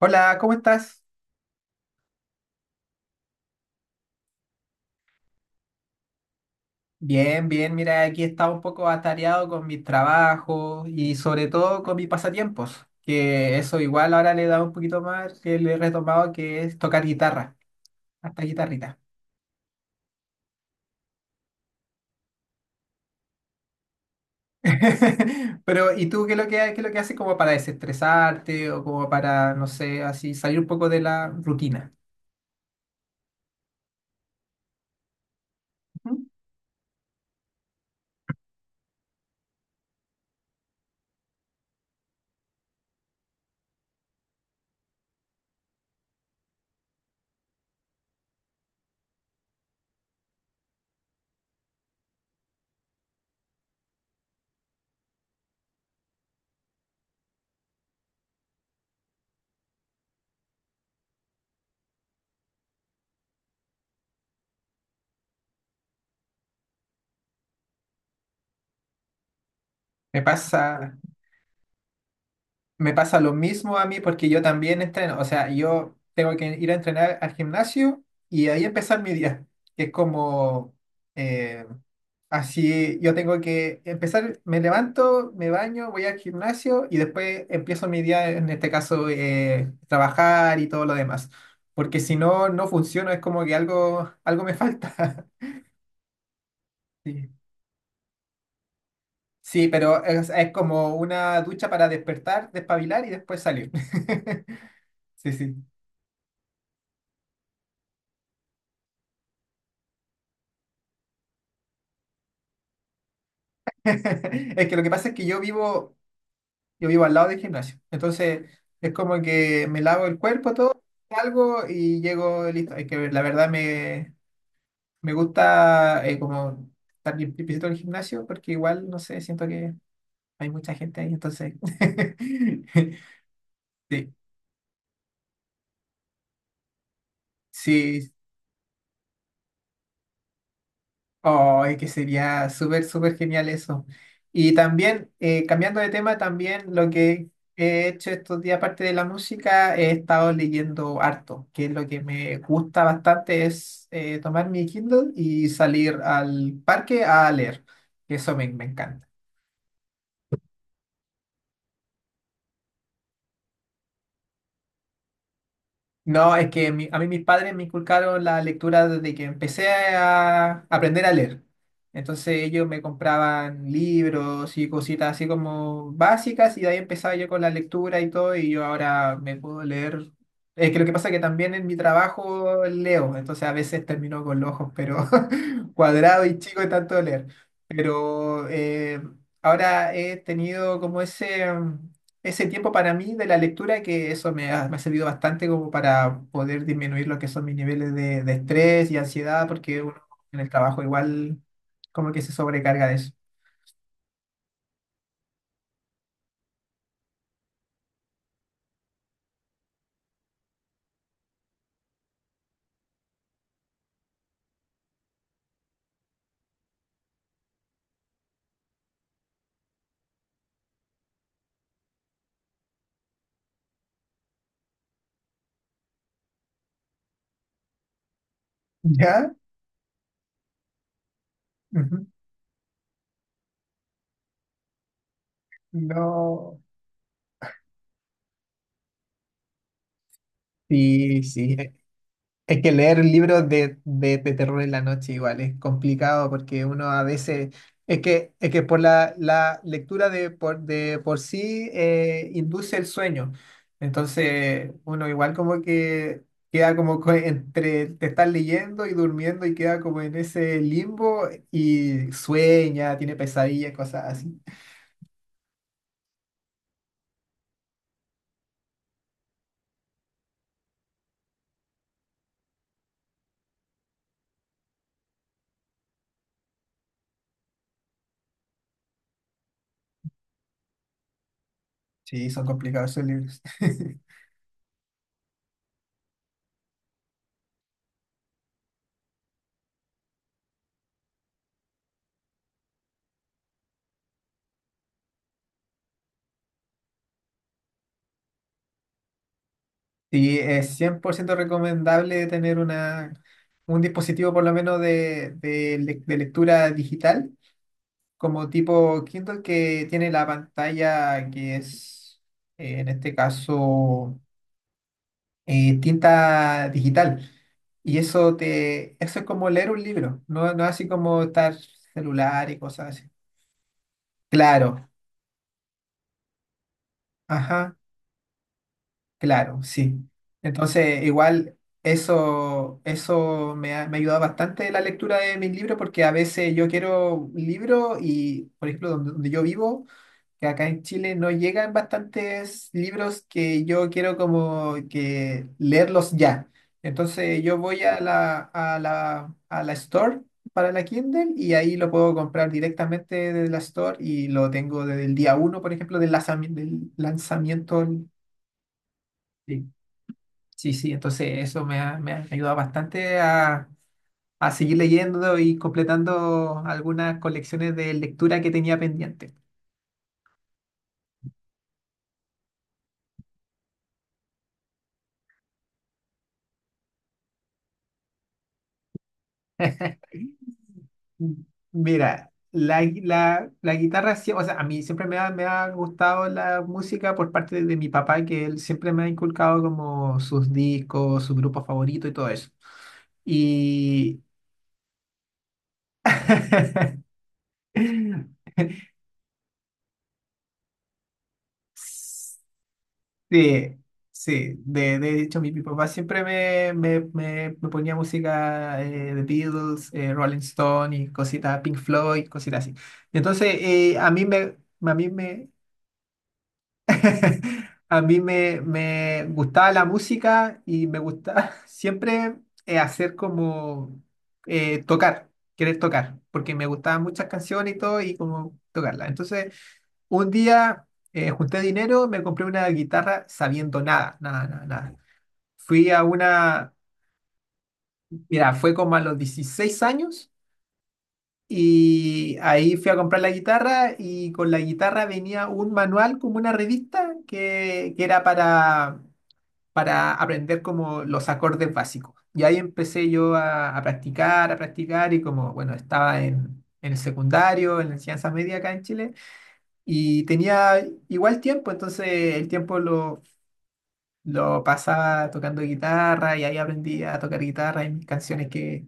Hola, ¿cómo estás? Bien, bien, mira, aquí estaba un poco atareado con mis trabajos y sobre todo con mis pasatiempos, que eso igual ahora le he dado un poquito más, que le he retomado, que es tocar guitarra, hasta guitarrita. Pero, ¿y tú qué es lo que haces como para desestresarte o como para, no sé, así salir un poco de la rutina? Ujú. Me pasa... Me pasa lo mismo a mí porque yo también entreno. O sea, yo tengo que ir a entrenar al gimnasio y ahí empezar mi día. Es como eh, así, yo tengo que empezar, me levanto, me baño, voy al gimnasio y después empiezo mi día, en este caso, trabajar y todo lo demás. Porque si no, no funciona, es como que algo, algo me falta. Sí. Sí, pero es como una ducha para despertar, despabilar y después salir. Sí, sí. Es que lo que pasa es que yo vivo al lado del gimnasio. Entonces, es como que me lavo el cuerpo todo, salgo y llego listo. Es que la verdad me gusta como estar bien visito el gimnasio porque igual, no sé, siento que hay mucha gente ahí. Entonces, sí, sí, ay, que sería súper, súper genial eso. Y también, cambiando de tema, también lo que he hecho estos días, aparte de la música, he estado leyendo harto, que es lo que me gusta bastante, es tomar mi Kindle y salir al parque a leer. Eso me encanta. No, es que a mí mis padres me inculcaron la lectura desde que empecé a aprender a leer. Entonces ellos me compraban libros y cositas así como básicas y de ahí empezaba yo con la lectura y todo y yo ahora me puedo leer. Es que lo que pasa es que también en mi trabajo leo, entonces a veces termino con los ojos pero cuadrado y chico de tanto leer. Pero ahora he tenido como ese tiempo para mí de la lectura, que eso me ha servido bastante como para poder disminuir lo que son mis niveles de estrés y ansiedad, porque uno en el trabajo igual como que se sobrecarga de eso. ¿Ya? Ujú. No. Sí, sí. Es que leer libros de terror en la noche igual es complicado porque uno a veces, es que por la lectura de por sí induce el sueño. Entonces uno igual como que queda como entre te estás leyendo y durmiendo y queda como en ese limbo y sueña, tiene pesadillas, cosas así. Sí, son complicados esos libros. Sí, es 100% recomendable tener una, un dispositivo por lo menos de lectura digital, como tipo Kindle que tiene la pantalla que es, en este caso, tinta digital. Y eso es como leer un libro, no, no así como estar celular y cosas así. Claro, ajá. Claro, sí. Entonces, igual eso me ha ayudado bastante la lectura de mis libros porque a veces yo quiero un libro y, por ejemplo, donde yo vivo, que acá en Chile no llegan bastantes libros que yo quiero como que leerlos ya. Entonces, yo voy a la store para la Kindle y ahí lo puedo comprar directamente de la store y lo tengo desde el día uno, por ejemplo, del lanzamiento. Sí. Sí, sí, entonces eso me ha ayudado bastante a seguir leyendo y completando algunas colecciones de lectura que tenía pendiente. Mm. Mira, la guitarra, sí, o sea, a mí siempre me ha gustado la música por parte de mi papá, que él siempre me ha inculcado como sus discos, su grupo favorito y todo eso. Y Sí, sí, de hecho mi papá siempre me ponía música de Beatles, Rolling Stone y cositas, Pink Floyd, cositas así. Entonces a mí me, a mí me gustaba la música y me gustaba siempre hacer como eh, tocar, querer tocar, porque me gustaban muchas canciones y todo y como tocarlas. Entonces un día junté dinero, me compré una guitarra sabiendo nada, nada, nada, nada. Fui a una, Mira, fue como a los 16 años y ahí fui a comprar la guitarra y con la guitarra venía un manual como una revista que era para aprender como los acordes básicos. Y ahí empecé yo a practicar, a practicar y como, bueno, estaba en el secundario, en la enseñanza media acá en Chile. Y tenía igual tiempo, entonces el tiempo lo pasaba tocando guitarra y ahí aprendí a tocar guitarra y mis canciones que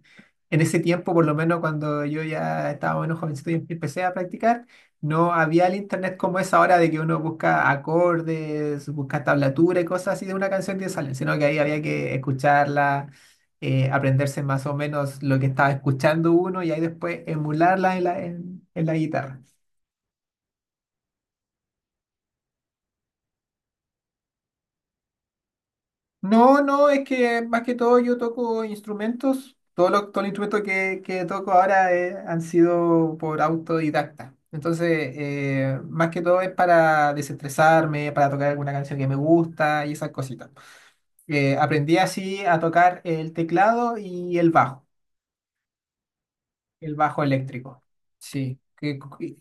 en ese tiempo, por lo menos cuando yo ya estaba menos jovencito y empecé a practicar, no había el internet como es ahora de que uno busca acordes, busca tablatura y cosas así de una canción que salen, sino que ahí había que escucharla, aprenderse más o menos lo que estaba escuchando uno y ahí después emularla en la guitarra. No, no, es que más que todo yo toco instrumentos. Todos los instrumentos que toco ahora han sido por autodidacta. Entonces, más que todo es para desestresarme, para tocar alguna canción que me gusta y esas cositas. Aprendí así a tocar el teclado y el bajo eléctrico. Sí.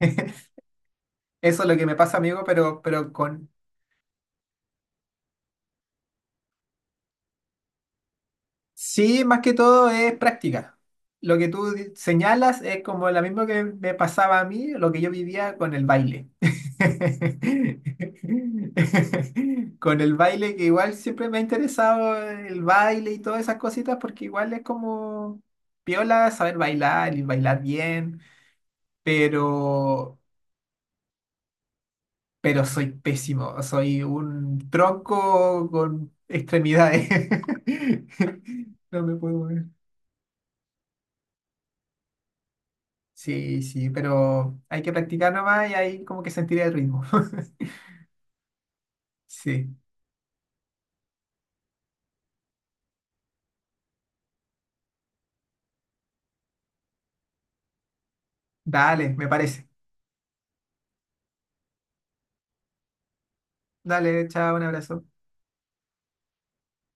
Eso es lo que me pasa, amigo, pero. Sí, más que todo es práctica. Lo que tú señalas es como lo mismo que me pasaba a mí, lo que yo vivía con el baile. Con el baile que igual siempre me ha interesado el baile y todas esas cositas porque igual es como piola saber bailar y bailar bien, pero soy pésimo, soy un tronco con extremidades. No me puedo mover. Sí, sí, pero hay que practicar nomás y ahí como que sentiré el ritmo. Sí, dale, me parece. Dale, chao, un abrazo.